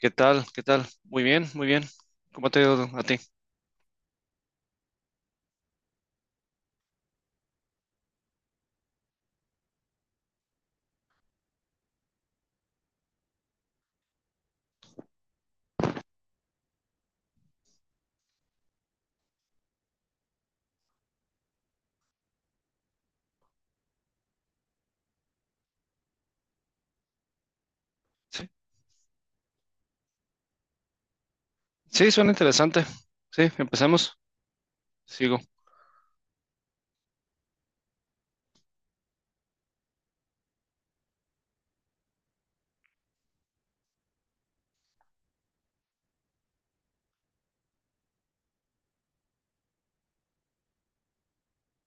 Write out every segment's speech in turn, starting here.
¿Qué tal? ¿Qué tal? Muy bien, muy bien. ¿Cómo te ha ido a ti? Sí, sí, suena interesante. Sí, empecemos. Sigo.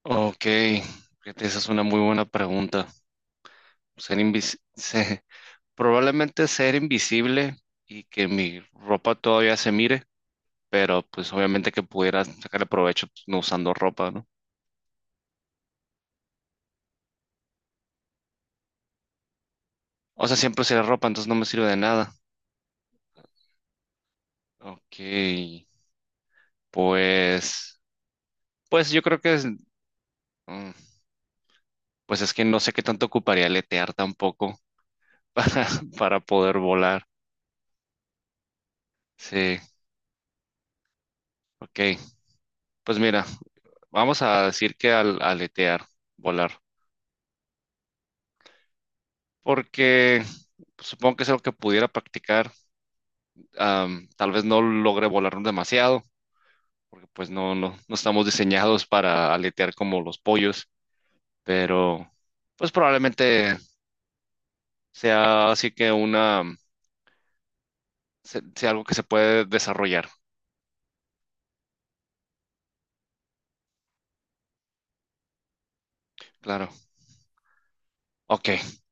Ok, fíjate, esa es una muy buena pregunta. Ser invis se- Probablemente ser invisible y que mi ropa todavía se mire, pero pues obviamente que pudiera sacarle provecho pues, no usando ropa, ¿no? O sea, siempre usaré ropa, entonces no me sirve de nada. Ok, pues, pues yo creo que es, mm, pues es que no sé qué tanto ocuparía letear tampoco, para, para poder volar. Sí, ok. Pues mira, vamos a decir que al aletear, volar, porque supongo que es algo que pudiera practicar. Tal vez no logre volar demasiado, porque pues no estamos diseñados para aletear como los pollos, pero pues probablemente sea así que una, sea algo que se puede desarrollar. Claro. Ok.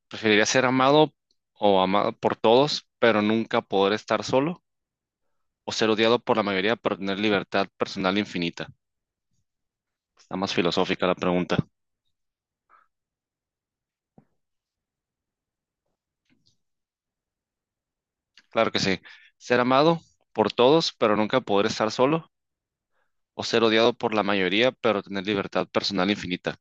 Preferiría ser amado o amado por todos, pero nunca poder estar solo, o ser odiado por la mayoría pero tener libertad personal infinita. Está más filosófica la pregunta. Claro que sí. Ser amado por todos pero nunca poder estar solo o ser odiado por la mayoría pero tener libertad personal infinita.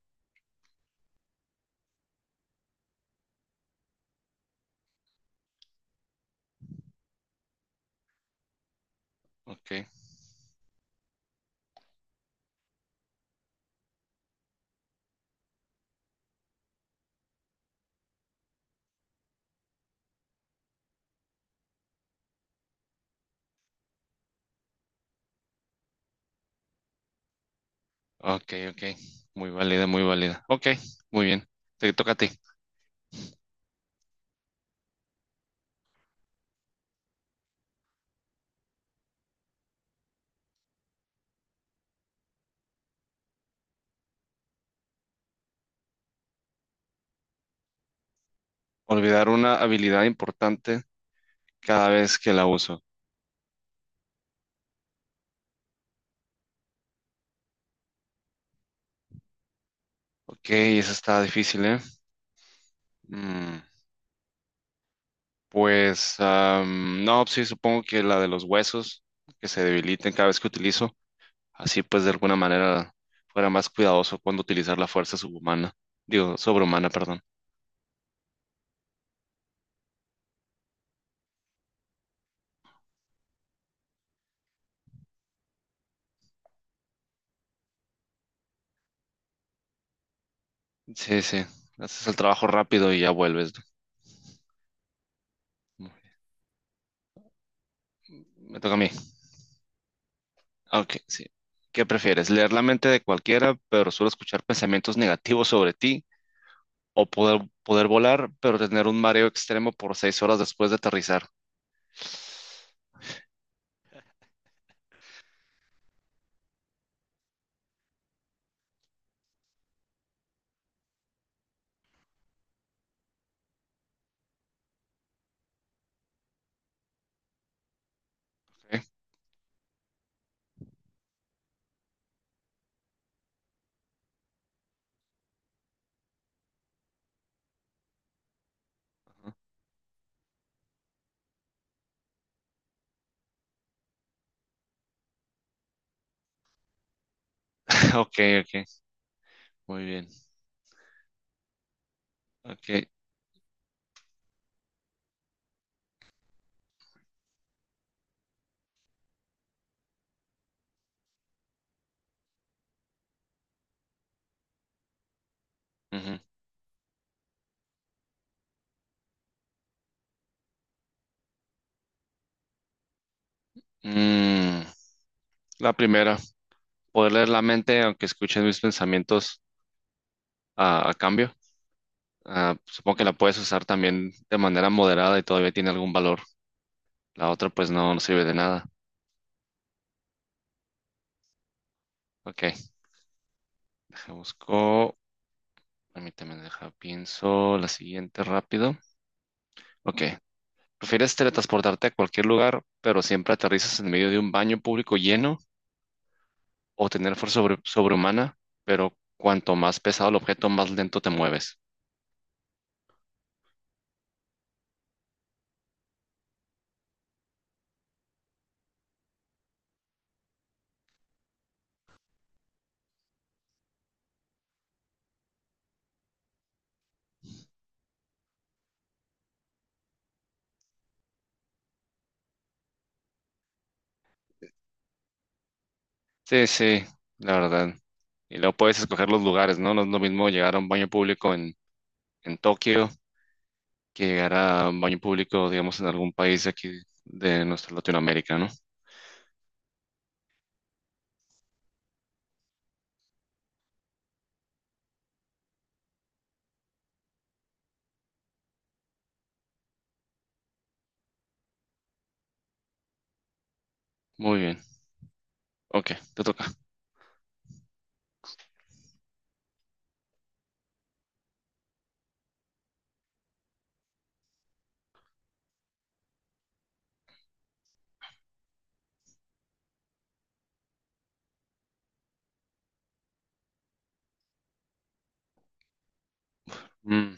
Ok, ok, ok. Muy válida, muy válida. Ok, muy bien. Te toca a ti. Olvidar una habilidad importante cada vez que la uso. Ok, esa está difícil, ¿eh? Mm, pues, no, sí, supongo que la de los huesos que se debiliten cada vez que utilizo. Así pues, de alguna manera fuera más cuidadoso cuando utilizar la fuerza subhumana, digo, sobrehumana, perdón. Sí, sí, haces el trabajo rápido y ya vuelves. ¿No? Me toca a mí. Ah, ok, sí. ¿Qué prefieres? ¿Leer la mente de cualquiera, pero solo escuchar pensamientos negativos sobre ti? ¿O poder volar, pero tener un mareo extremo por seis horas después de aterrizar? Ok, ok, ok, muy bien. Ok. Ujú. Mm, la primera, poder leer la mente aunque escuchen mis pensamientos a cambio. Ah, supongo que la puedes usar también de manera moderada y todavía tiene algún valor. La otra pues no, no sirve de nada. Ok, deja busco. Permíteme, deja pienso la siguiente rápido. Ok, ¿prefieres teletransportarte a cualquier lugar, pero siempre aterrizas en medio de un baño público lleno, o tener sobrehumana, pero cuanto más pesado el objeto, más lento te mueves? Sí, sí, la verdad. Y luego puedes escoger los lugares, ¿no? No es lo mismo llegar a un baño público en Tokio que llegar a un baño público, digamos, en algún país de aquí de nuestra Latinoamérica, ¿no? Muy bien. Ok, te toca. Mm.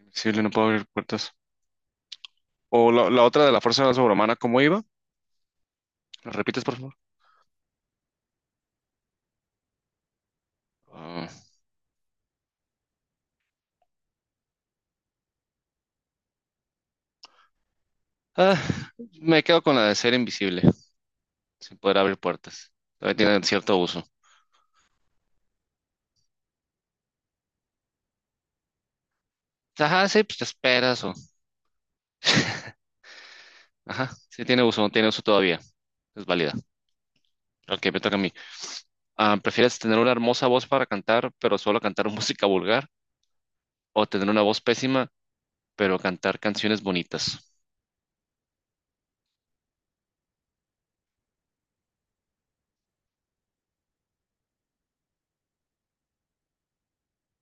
Invisible, no puedo abrir puertas. O la otra de la fuerza sobrehumana, ¿cómo iba? ¿La repites, por favor? Ah, ah, me quedo con la de ser invisible, sin poder abrir puertas. Todavía tiene cierto uso. Ajá, sí, pues te esperas o... ajá, sí tiene uso, no tiene uso todavía. Es válida. Ok, me toca a mí. Ah, ¿prefieres tener una hermosa voz para cantar, pero solo cantar música vulgar? ¿O tener una voz pésima, pero cantar canciones bonitas?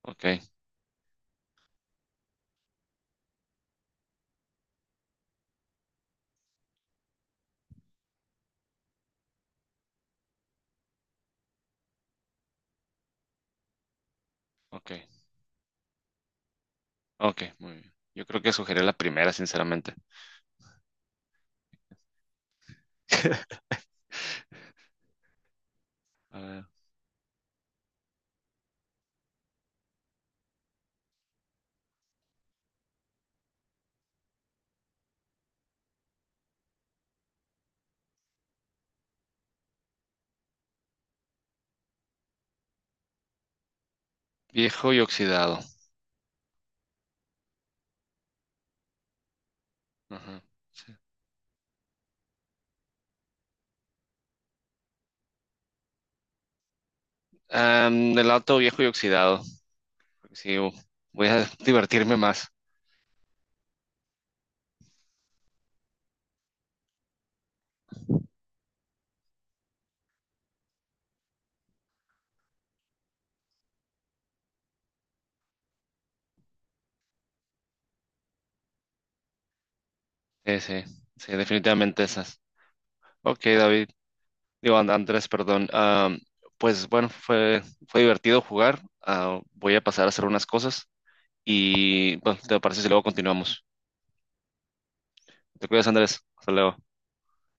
Ok, ok, ok, muy bien. Yo creo que sugería la primera, sinceramente. A ver, viejo y oxidado. Ajá, sí. Am, el auto viejo y oxidado. Sí, voy a divertirme más. Sí, sí, sí, definitivamente esas. Ok, David. Digo, Andrés, perdón. Am, pues bueno, fue divertido jugar. Ah, voy a pasar a hacer unas cosas y bueno, ¿te parece si luego continuamos? Te cuidas, Andrés. Hasta luego.